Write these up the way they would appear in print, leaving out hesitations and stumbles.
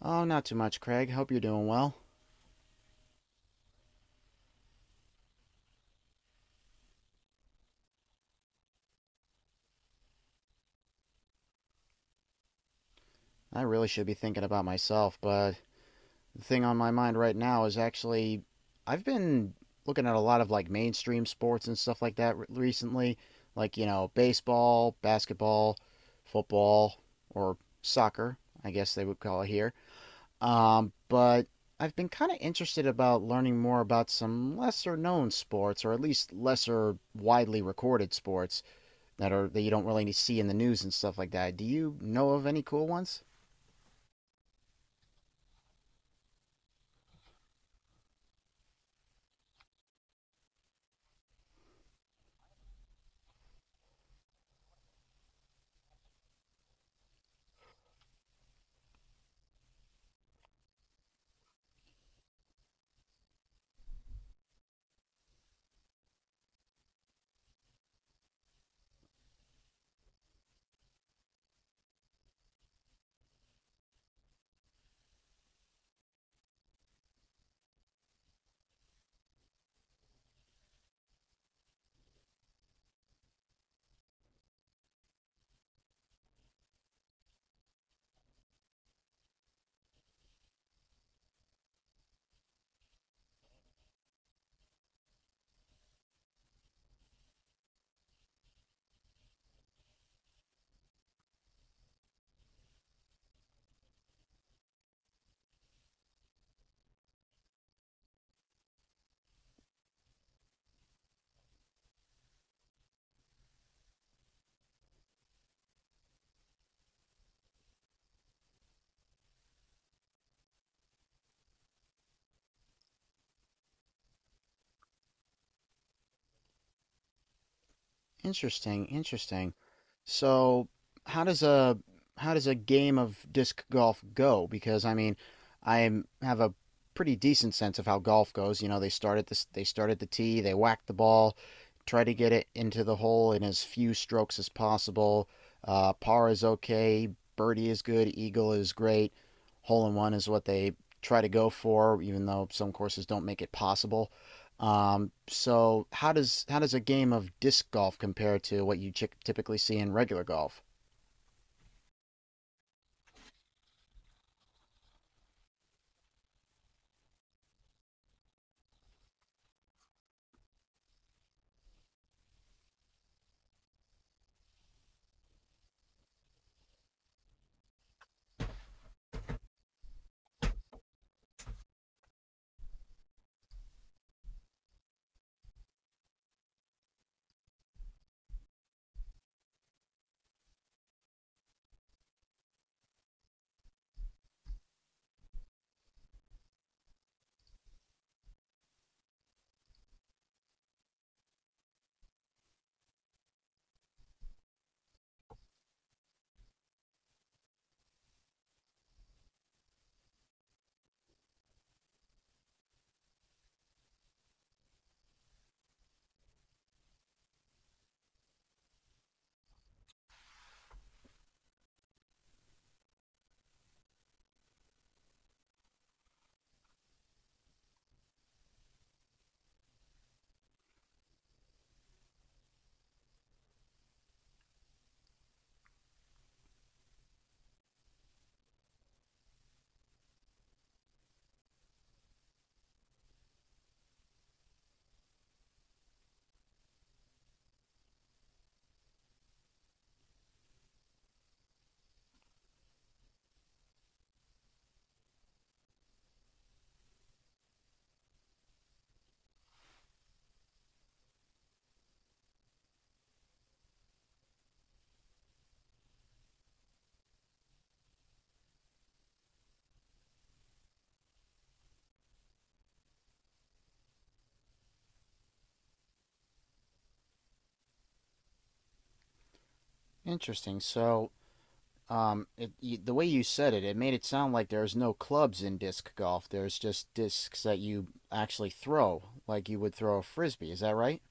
"Oh, not too much, Craig. Hope you're doing well. I really should be thinking about myself, but the thing on my mind right now is actually I've been looking at a lot of like mainstream sports and stuff like that recently, like, you know, baseball, basketball, football, or soccer, I guess they would call it here. But I've been kind of interested about learning more about some lesser known sports, or at least lesser widely recorded sports that are that you don't really see in the news and stuff like that. Do you know of any cool ones? Interesting, interesting. So, how does a how does a game of disc golf go? Because I mean, I have a pretty decent sense of how golf goes. You know, they start at the tee, they whack the ball, try to get it into the hole in as few strokes as possible. Par is okay, birdie is good, eagle is great, hole in one is what they try to go for, even though some courses don't make it possible. So how does a game of disc golf compare to what you chick typically see in regular golf? Interesting. So, the way you said it, it made it sound like there's no clubs in disc golf. There's just discs that you actually throw, like you would throw a frisbee. Is that right?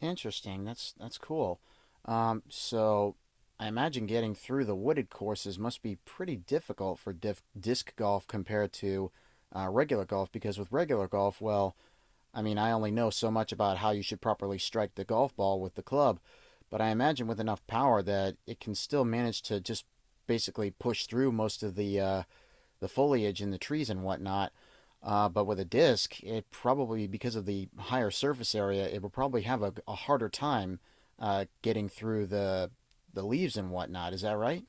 Interesting. That's cool. So I imagine getting through the wooded courses must be pretty difficult for diff disc golf compared to regular golf because with regular golf, well, I mean, I only know so much about how you should properly strike the golf ball with the club, but I imagine with enough power that it can still manage to just basically push through most of the foliage and the trees and whatnot. But with a disc, it probably because of the higher surface area, it will probably have a harder time getting through the leaves and whatnot. Is that right?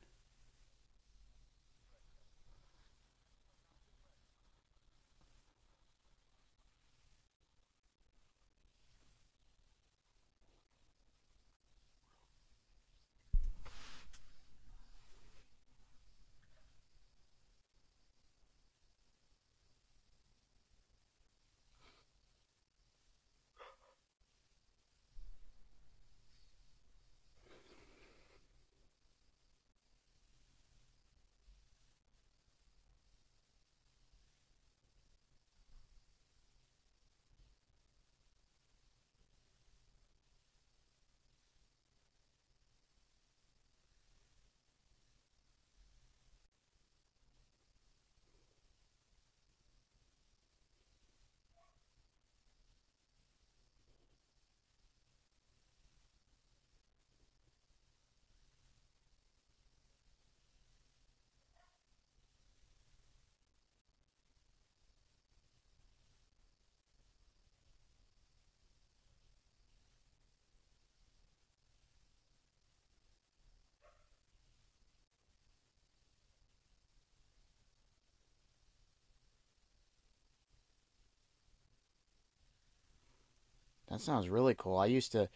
That sounds really cool. I used to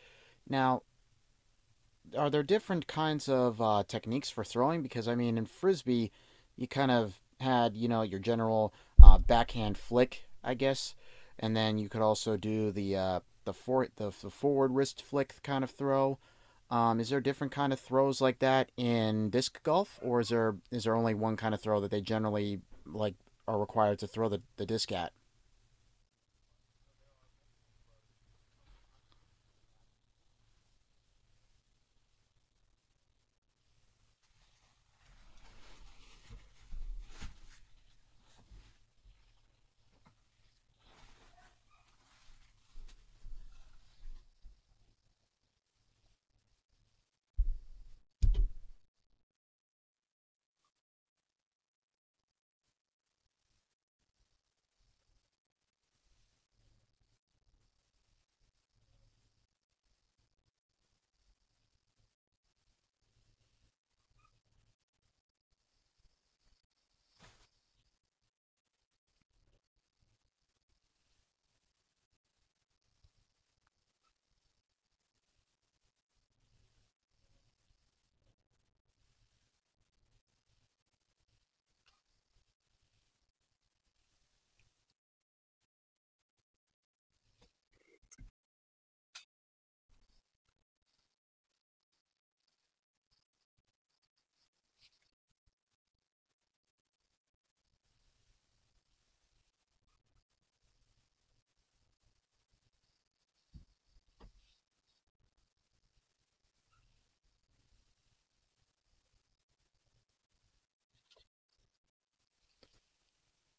now Are there different kinds of techniques for throwing? Because I mean, in frisbee, you kind of had, you know, your general backhand flick, I guess, and then you could also do the the forward wrist flick kind of throw. Is there different kind of throws like that in disc golf, or is there only one kind of throw that they generally like are required to throw the disc at?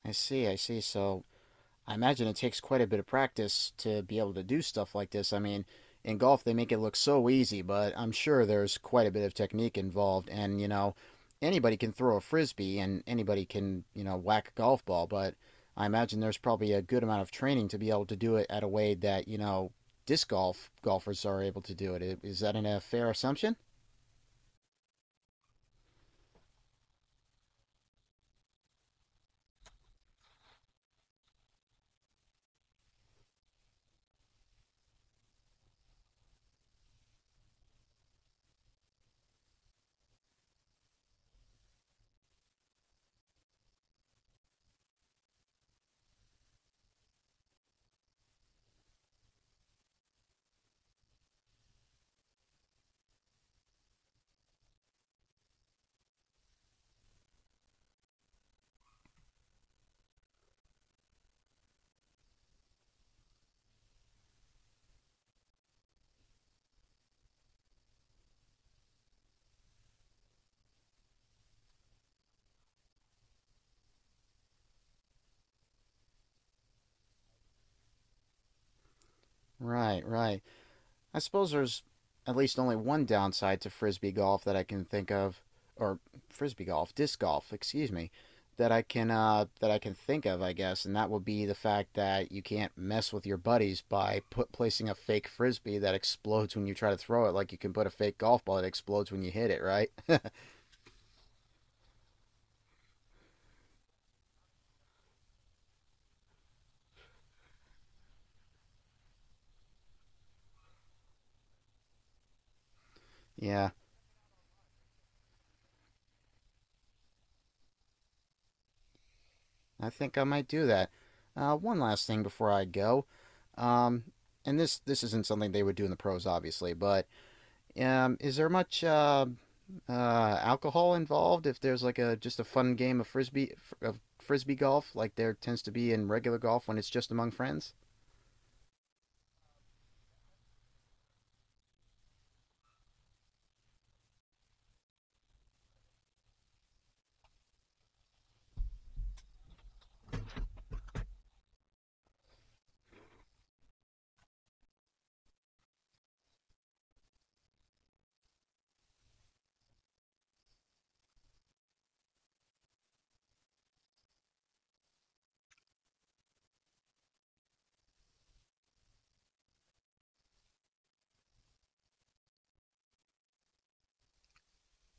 I see, I see. So I imagine it takes quite a bit of practice to be able to do stuff like this. I mean, in golf, they make it look so easy, but I'm sure there's quite a bit of technique involved. And, you know, anybody can throw a frisbee and anybody can, you know, whack a golf ball, but I imagine there's probably a good amount of training to be able to do it at a way that, you know, disc golf golfers are able to do it. Is a fair assumption? Right, right. I suppose there's at least only one downside to frisbee golf that I can think of, or frisbee golf, disc golf, excuse me, that I can think of, I guess, and that would be the fact that you can't mess with your buddies by put placing a fake frisbee that explodes when you try to throw it, like you can put a fake golf ball that explodes when you hit it, right? Yeah, I think I might do that. One last thing before I go, um, and this isn't something they would do in the pros, obviously, but is there much uh, alcohol involved if there's like a just a fun game of frisbee golf like there tends to be in regular golf when it's just among friends?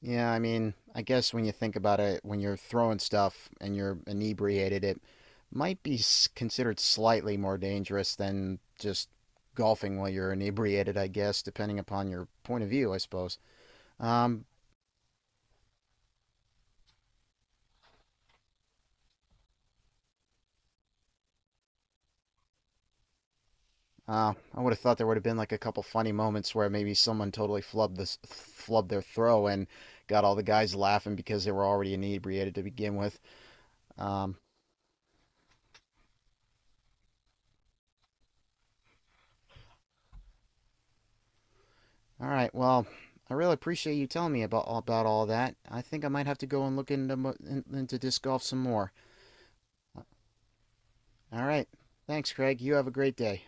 Yeah, I mean, I guess when you think about it, when you're throwing stuff and you're inebriated, it might be considered slightly more dangerous than just golfing while you're inebriated, I guess, depending upon your point of view, I suppose. Um, I would have thought there would have been like a couple funny moments where maybe someone totally flubbed their throw and got all the guys laughing because they were already inebriated to begin with. Um, all right, well, I really appreciate you telling me about all that. I think I might have to go and look into disc golf some more. All right, thanks, Craig. You have a great day.